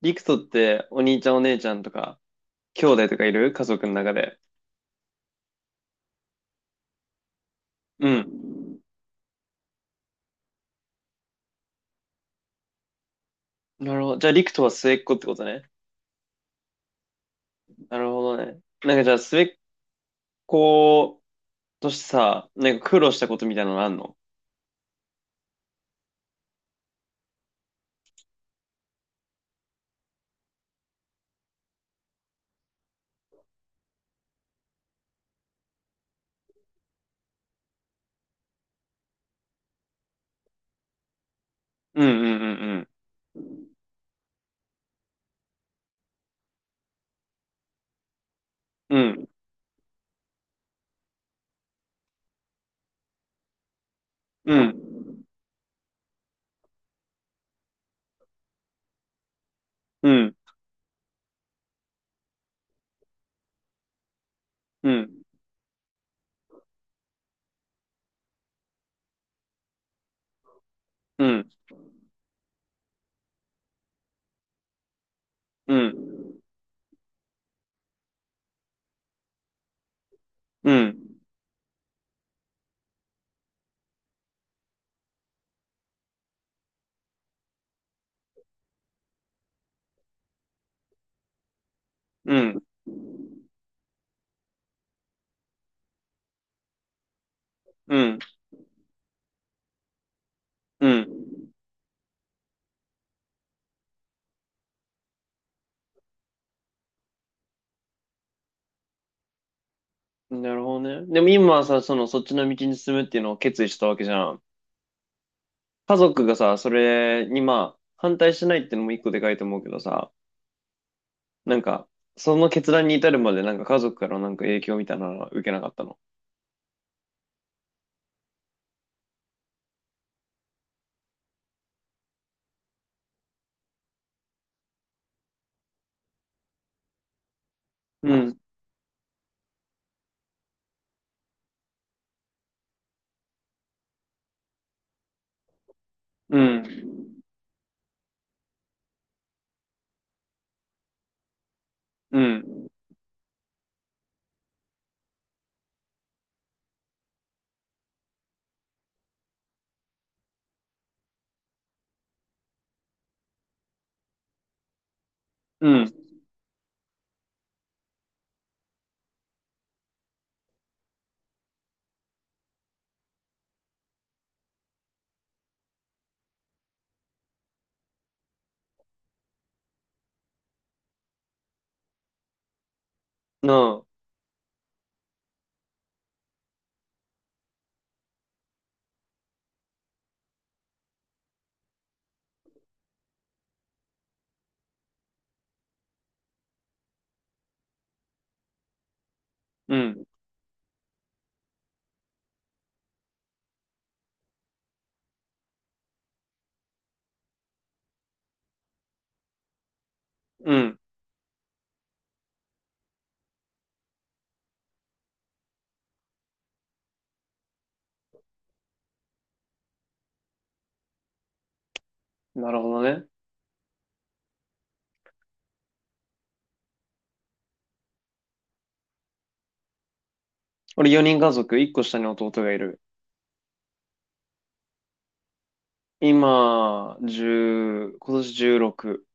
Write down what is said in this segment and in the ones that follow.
リクトってお兄ちゃんお姉ちゃんとか、兄弟とかいる家族の中で。うん。なるほど。じゃあ、リクトは末っ子ってことね。なるほどね。なんかじゃあ、末っ子としてさ、なんか苦労したことみたいなのあんの？うん、うん、うん、うん。うん。うん。うん。うん。うん。うん。うん。うん。うん。うん。なるほどね。でも今はさ、その、そっちの道に進むっていうのを決意したわけじゃん。家族がさ、それにまあ、反対しないってのも一個でかいと思うけどさ、なんか、その決断に至るまでなんか家族からなんか影響みたいなのは受けなかったの？うん、うん、うん、うん、なあ、うん、うん。なるほどね。俺4人家族、1個下に弟がいる。今、10、今年16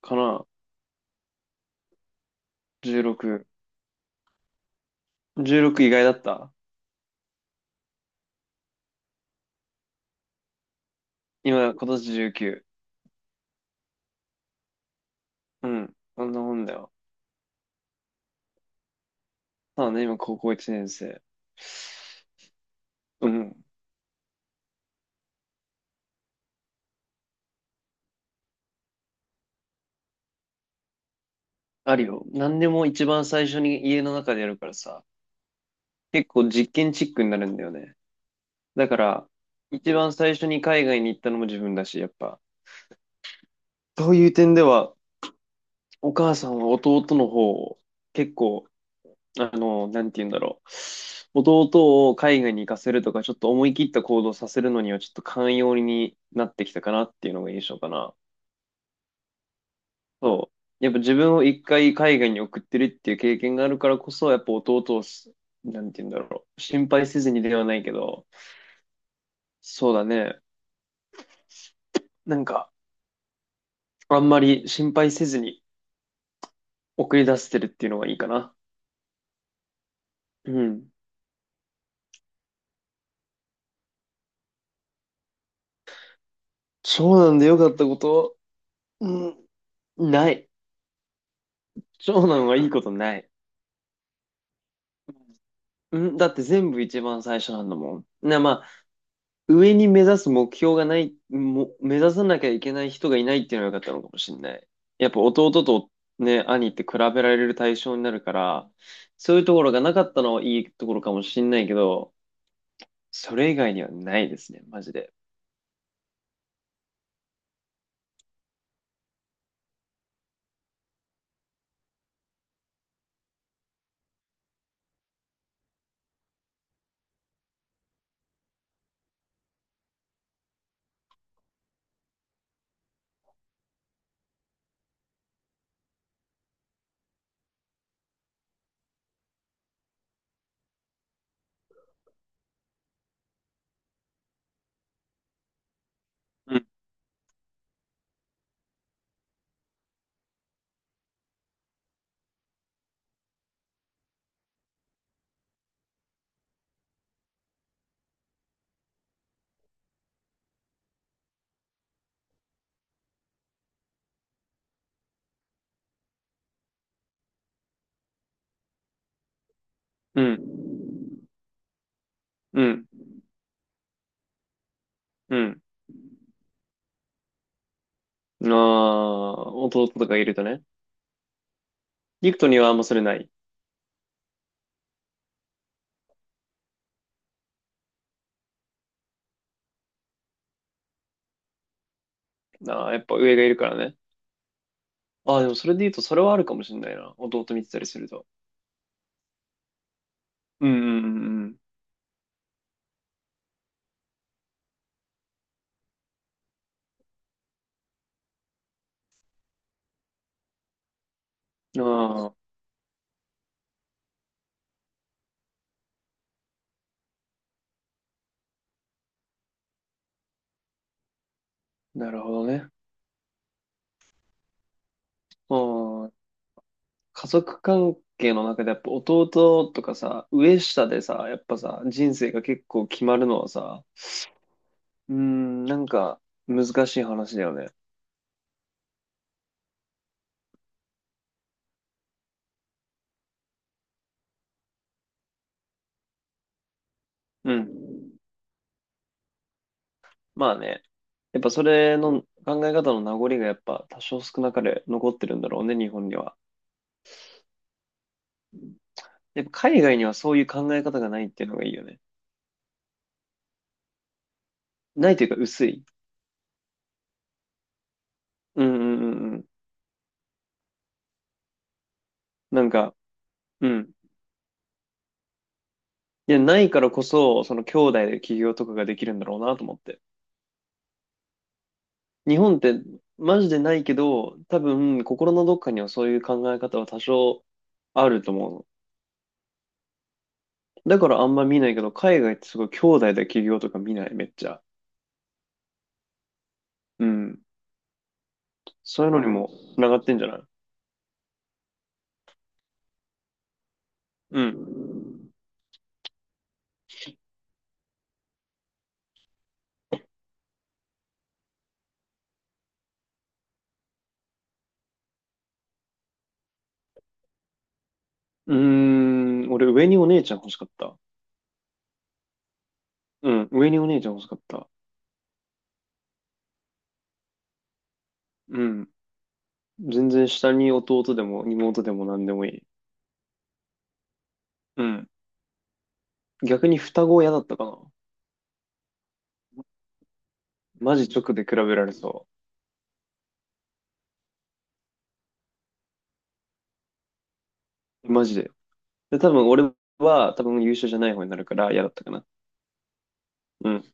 かな？ 16。16意外だった？今、今年19。うん。そんなもんだよ。まあね、今高校1年生。うん。あるよ。何でも一番最初に家の中でやるからさ。結構実験チックになるんだよね。だから、一番最初に海外に行ったのも自分だし、やっぱ。そういう点では、お母さんは弟の方を結構、あの、なんて言うんだろう。弟を海外に行かせるとか、ちょっと思い切った行動させるのには、ちょっと寛容になってきたかなっていうのが印象かな。そう。やっぱ自分を一回海外に送ってるっていう経験があるからこそ、やっぱ弟をなんて言うんだろう。心配せずにではないけど、そうだね。なんか、あんまり心配せずに送り出せてるっていうのがいいかな。うん。長男で良かったこと、うん、ない。長男はいいことない。うん、だって全部一番最初なんだもん。まあ、上に目指す目標がない、目指さなきゃいけない人がいないっていうのが良かったのかもしれない。やっぱ弟とね、兄って比べられる対象になるから、そういうところがなかったのはいいところかもしれないけど、それ以外にはないですね、マジで。うん、うん、うん、うん。ああ、弟とかいるとね。リクトにはあんまそれない。ああ、やっぱ上がいるからね。ああ、でもそれで言うとそれはあるかもしれないな。弟見てたりすると。うん、うん、うん、うん。ああ、なるほどね。ああ、家族関係の中でやっぱ弟とかさ、上下でさ、やっぱさ、人生が結構決まるのはさ、うん、なんか難しい話だよね。うん。まあね。やっぱそれの考え方の名残がやっぱ多少少なかれ残ってるんだろうね、日本には。やっぱ海外にはそういう考え方がないっていうのがいいよね。ないというか薄い。うん、うん、うん、うん。なんか、うん。いや、ないからこそ、その兄弟で起業とかができるんだろうなと思って。日本ってマジでないけど、多分心のどっかにはそういう考え方は多少あると思うの。だからあんま見ないけど、海外ってすごい兄弟で起業とか見ない、めっちゃ。うん。そういうのにも繋がってんじゃない？うん。うーん、俺上にお姉ちゃん欲しかった。うん、上にお姉ちゃん欲しかった。うん。全然下に弟でも妹でも何でもいい。うん。逆に双子は嫌だったかな。マジ直で比べられそう。マジで。で、多分俺は多分優秀じゃない方になるから嫌だったかな。うん。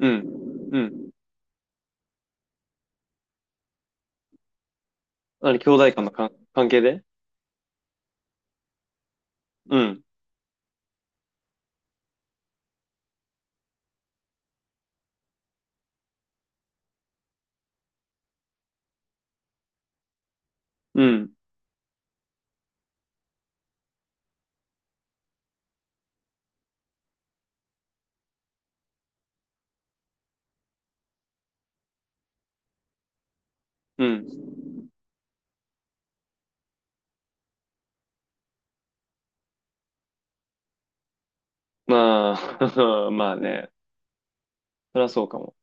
うん。うん。あの、兄弟間の関係で。うん。うん。うん。まあ、まあね。そりゃそうかも。